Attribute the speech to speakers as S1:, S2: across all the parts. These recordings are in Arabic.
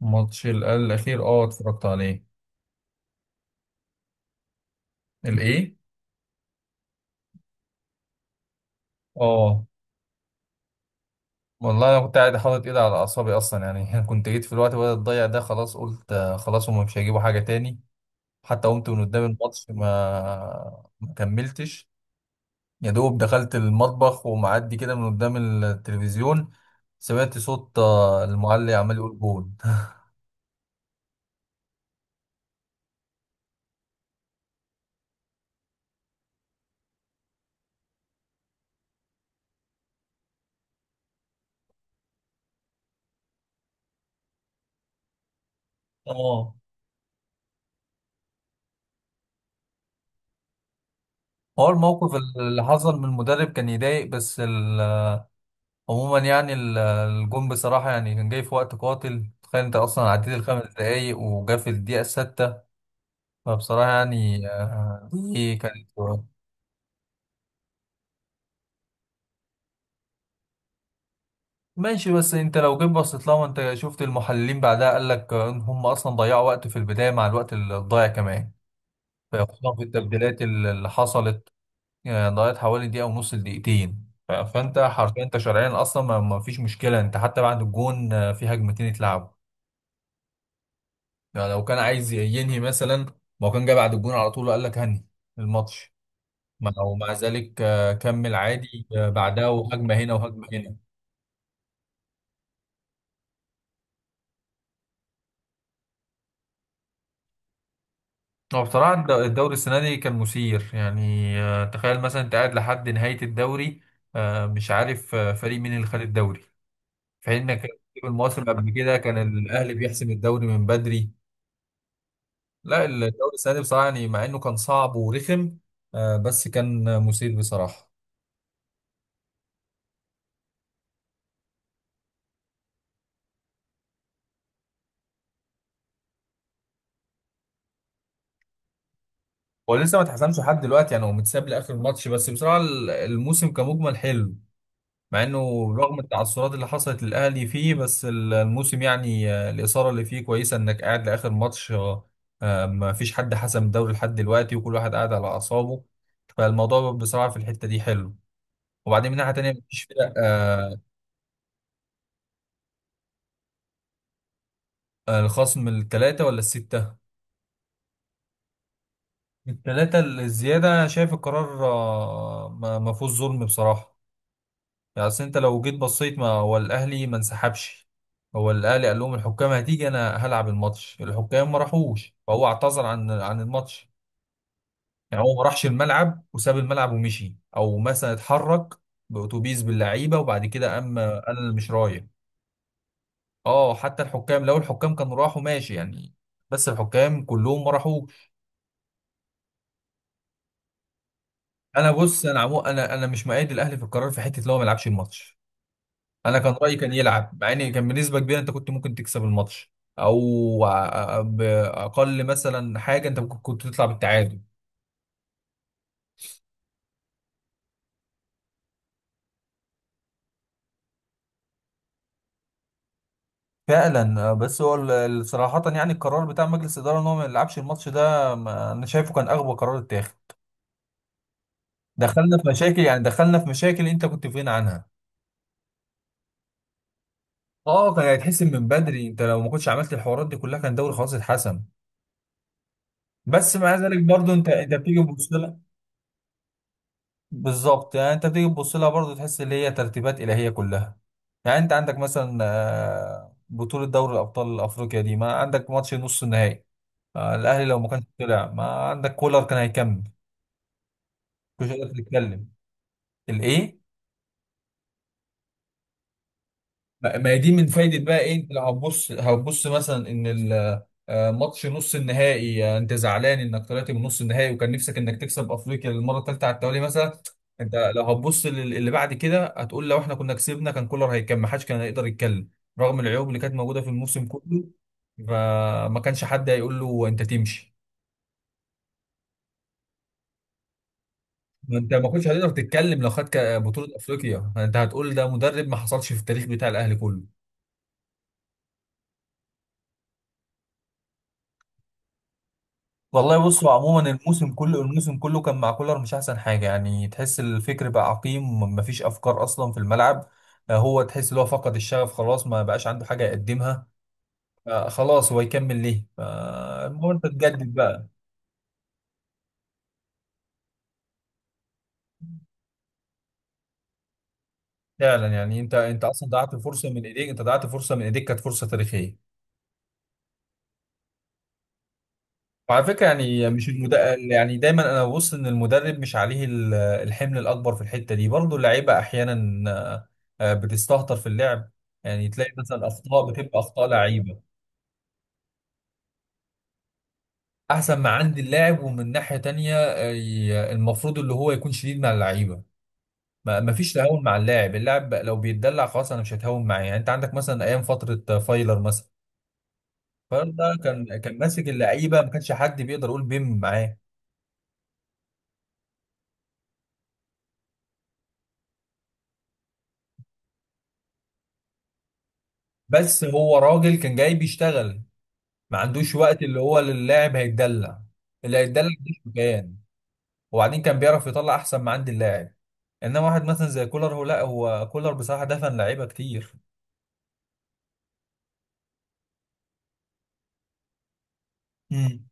S1: ماتش الأخير اه اتفرجت عليه. الإيه؟ اه والله أنا كنت قاعد حاطط إيدي على أعصابي أصلا يعني أنا كنت جيت في الوقت بدأت تضيع ده خلاص قلت خلاص هما مش هيجيبوا حاجة تاني. حتى قمت من قدام الماتش ما كملتش. يا دوب دخلت المطبخ ومعدي كده من قدام التلفزيون. سمعت صوت المعلق عمال يقول جول اه، هو الموقف اللي حصل من المدرب كان يضايق بس. عموما يعني الجون بصراحة يعني كان جاي في وقت قاتل، تخيل انت اصلا عديت الخمس دقايق وجا في الدقيقة الستة. فبصراحة يعني دي كانت ماشي. بس انت لو جيت بصيت لها ما انت شفت المحللين بعدها قال لك ان هم اصلا ضيعوا وقت في البداية مع الوقت الضايع كمان، فخصوصا في التبديلات اللي حصلت. ضيعت حوالي دقيقة ونص لدقيقتين، فانت حرفيا انت شرعيا اصلا ما فيش مشكلة، انت حتى بعد الجون في هجمتين اتلعبوا. يعني لو كان عايز ينهي مثلا ما هو كان جاي بعد الجون على طول وقال لك هني الماتش. ما هو مع ذلك كمل عادي بعدها وهجمه هنا وهجمه هنا. هو بصراحه الدوري السنه دي كان مثير يعني، تخيل مثلا انت قاعد لحد نهايه الدوري مش عارف فريق مين اللي خد الدوري، في حين انك في المواسم قبل كده كان الاهلي بيحسم الدوري من بدري. لا الدوري السنه دي بصراحه يعني مع انه كان صعب ورخم بس كان مثير بصراحه. هو لسه ما اتحسمش لحد دلوقتي، يعني هو متساب لاخر الماتش، بس بصراحه الموسم كمجمل حلو مع انه، رغم التعثرات اللي حصلت للاهلي فيه، بس الموسم يعني الاثاره اللي فيه كويسه، انك قاعد لاخر ماتش. ما فيش حد حسم الدوري لحد دلوقتي وكل واحد قاعد على اعصابه. فالموضوع بصراحه في الحته دي حلو. وبعدين من ناحيه تانيه مفيش فرق. الخصم الثلاثه ولا السته؟ الثلاثه الزياده، شايف القرار ما فيهوش ظلم بصراحه. يعني اصل انت لو جيت بصيت ما هو الاهلي ما انسحبش. هو الاهلي قال لهم الحكام هتيجي، انا هلعب الماتش، الحكام ما راحوش، فهو اعتذر عن الماتش. يعني هو ما راحش الملعب وساب الملعب ومشي او مثلا اتحرك باتوبيس باللعيبه وبعد كده قام قال انا مش رايح. اه، حتى الحكام لو الحكام كانوا راحوا ماشي يعني، بس الحكام كلهم ما راحوش. انا بص، انا عمو، انا مش مؤيد الاهلي في القرار في حته اللي هو ما يلعبش الماتش. انا كان رايي كان يلعب، مع ان كان بنسبه كبيره انت كنت ممكن تكسب الماتش او باقل مثلا حاجه انت ممكن كنت تطلع بالتعادل. فعلا بس هو صراحة يعني القرار بتاع مجلس الإدارة إن هو ما يلعبش الماتش ده أنا شايفه كان أغبى قرار اتاخد. دخلنا في مشاكل يعني، دخلنا في مشاكل أنت كنت في غنى عنها. اه كان هيتحسم من بدري، انت لو ما كنتش عملت الحوارات دي كلها كان الدوري خلاص اتحسم. بس مع ذلك برضو انت بتيجي تبص. بالظبط، يعني انت بتيجي تبص لها برضه تحس ان هي ترتيبات الهيه كلها. يعني انت عندك مثلا بطوله دوري الابطال الافريقيا دي، ما عندك ماتش نص النهائي. الاهلي لو ما كانش طلع، ما عندك كولر كان هيكمل. مش قادر تتكلم. الايه؟ ما هي دي من فايدة بقى ايه، انت لو هتبص هتبص مثلا ان ماتش نص النهائي انت زعلان انك طلعت من نص النهائي وكان نفسك انك تكسب افريقيا للمرة الثالثة على التوالي مثلا. انت لو هتبص اللي بعد كده هتقول لو احنا كنا كسبنا كان كولر هيكمل، ما حدش كان هيقدر يتكلم رغم العيوب اللي كانت موجودة في الموسم كله، فما كانش حد هيقول له انت تمشي. ما انت ما كنتش هتقدر تتكلم لو خدت بطولة افريقيا، انت هتقول ده مدرب ما حصلش في التاريخ بتاع الاهلي كله. والله بصوا، عموما الموسم كله، الموسم كله كان مع كولر مش احسن حاجه، يعني تحس الفكر بقى عقيم مفيش افكار اصلا في الملعب. هو تحس ان هو فقد الشغف، خلاص ما بقاش عنده حاجه يقدمها. خلاص هو يكمل ليه، فالمهم انت تجدد بقى. فعلا يعني انت اصلا ضيعت فرصه من ايديك، انت ضيعت فرصه من ايديك، كانت فرصه تاريخيه. وعلى فكرة يعني مش المدرب، يعني دايما انا ببص ان المدرب مش عليه الحمل الاكبر في الحتة دي، برضه اللعيبة احيانا بتستهتر في اللعب، يعني تلاقي مثلا اخطاء بتبقى اخطاء لعيبة. احسن ما عند اللاعب، ومن ناحية تانية المفروض اللي هو يكون شديد مع اللعيبة، ما فيش تهاون مع اللاعب. اللاعب لو بيتدلع خلاص انا مش هتهاون معاه، يعني انت عندك مثلا ايام فترة فايلر مثلا. فايلر ده كان ماسك اللعيبة، ما كانش حد بيقدر يقول بيم معاه. بس هو راجل كان جاي بيشتغل، ما عندوش وقت اللي هو للاعب هيتدلع، اللي هيتدلع مش مكان. وبعدين كان بيعرف يطلع احسن ما عند اللاعب. انما واحد مثلا زي كولر، هو لا هو كولر بصراحه دفن لعيبه كتير. امم.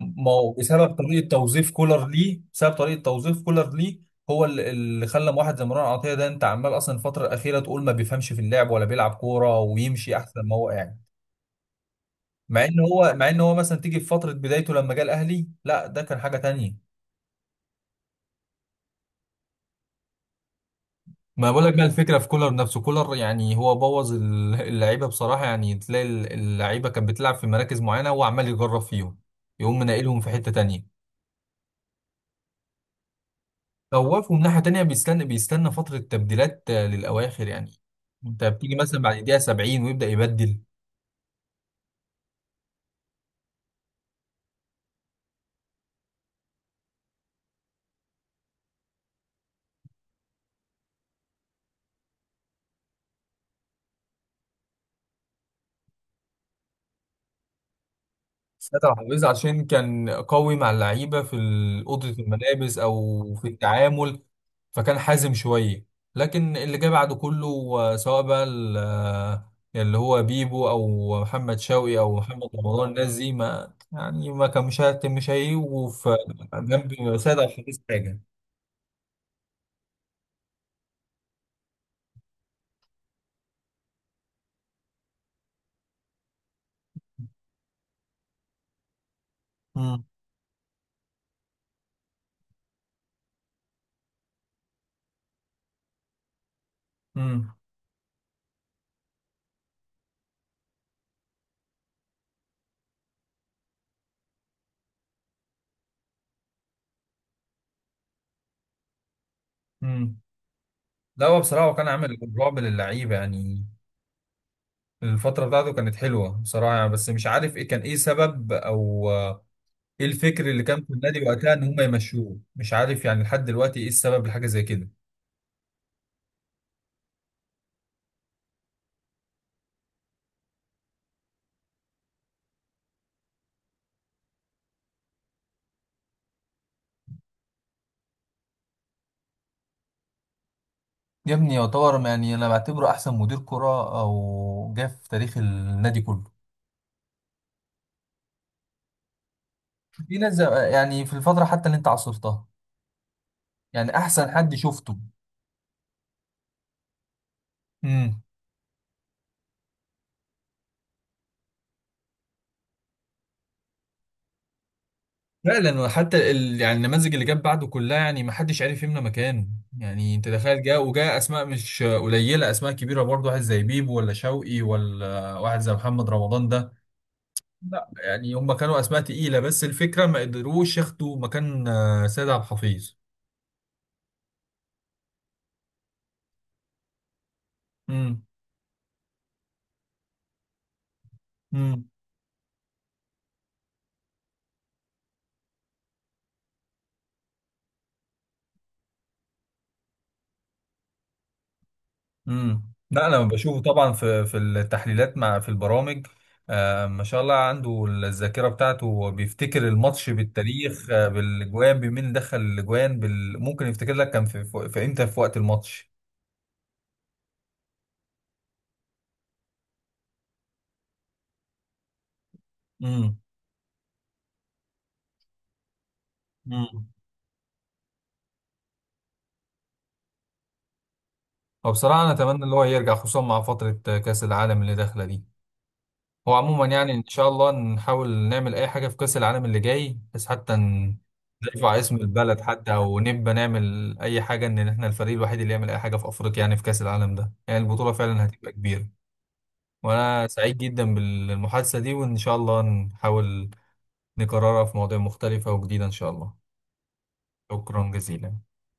S1: ما هو بسبب طريقه توظيف كولر ليه، بسبب طريقه توظيف كولر ليه. هو اللي خلى واحد زي مروان عطيه ده، انت عمال اصلا الفتره الاخيره تقول ما بيفهمش في اللعب ولا بيلعب كوره ويمشي احسن ما هو قاعد. مع ان هو مثلا تيجي في فتره بدايته لما جه الاهلي، لا ده كان حاجه تانية. ما بقول لك بقى الفكره في كولر نفسه. كولر يعني هو بوظ اللعيبه بصراحه، يعني تلاقي اللعيبه كانت بتلعب في مراكز معينه هو عمال يجرب فيهم، يقوم منقلهم في حته تانية. خوفهم ناحيه تانية، بيستنى فتره تبديلات للاواخر يعني، انت بتيجي مثلا بعد دقيقه 70 ويبدا يبدل. سيد عبد العزيز عشان كان قوي مع اللعيبة في أوضة الملابس أو في التعامل، فكان حازم شوية. لكن اللي جه بعده كله سواء بقى اللي هو بيبو أو محمد شوقي أو محمد رمضان، الناس دي ما يعني ما كان مش مش هيجوا في جنب سيد عبد العزيز حاجة. مم. مم. مم. لا هو بصراحة هو كان عامل رعب للعيبة يعني. الفترة بتاعته كانت حلوة بصراحة يعني، بس مش عارف ايه كان، ايه سبب او ايه الفكر اللي كان في النادي وقتها ان هم يمشوه، مش عارف يعني لحد دلوقتي ايه السبب لحاجه زي كده. يا ابني يعتبر، يعني انا بعتبره احسن مدير كرة او جه في تاريخ النادي كله. في ناس زي- يعني في الفترة حتى اللي انت عاصرتها، يعني احسن حد شفته. امم. فعلا، وحتى ال... يعني النماذج اللي جت بعده كلها يعني ما حدش عارف يملى مكانه. يعني انت تخيل جاء وجاء اسماء مش قليله، اسماء كبيره برضه، واحد زي بيبو ولا شوقي ولا واحد زي محمد رمضان ده. لا يعني هم كانوا اسماء تقيله، بس الفكره ما قدروش ياخدوا مكان سيد عبد الحفيظ. امم. امم. امم. لا انا بشوفه طبعا في التحليلات، مع في البرامج، آه ما شاء الله عنده الذاكره بتاعته، هو بيفتكر الماتش بالتاريخ، آه بالاجوان، بمين دخل الاجوان، بال... ممكن يفتكر لك كان في امتى في وقت الماتش. امم. امم. وبصراحه انا اتمنى ان هو يرجع، خصوصا مع فتره كاس العالم اللي داخله دي. هو عموما يعني ان شاء الله نحاول نعمل اي حاجه في كاس العالم اللي جاي، بس حتى نرفع اسم البلد، حتى او نبقى نعمل اي حاجه ان احنا الفريق الوحيد اللي يعمل اي حاجه في افريقيا يعني في كاس العالم ده، يعني البطوله فعلا هتبقى كبيره. وانا سعيد جدا بالمحادثه دي، وان شاء الله نحاول نكررها في مواضيع مختلفه وجديده ان شاء الله. شكرا جزيلا.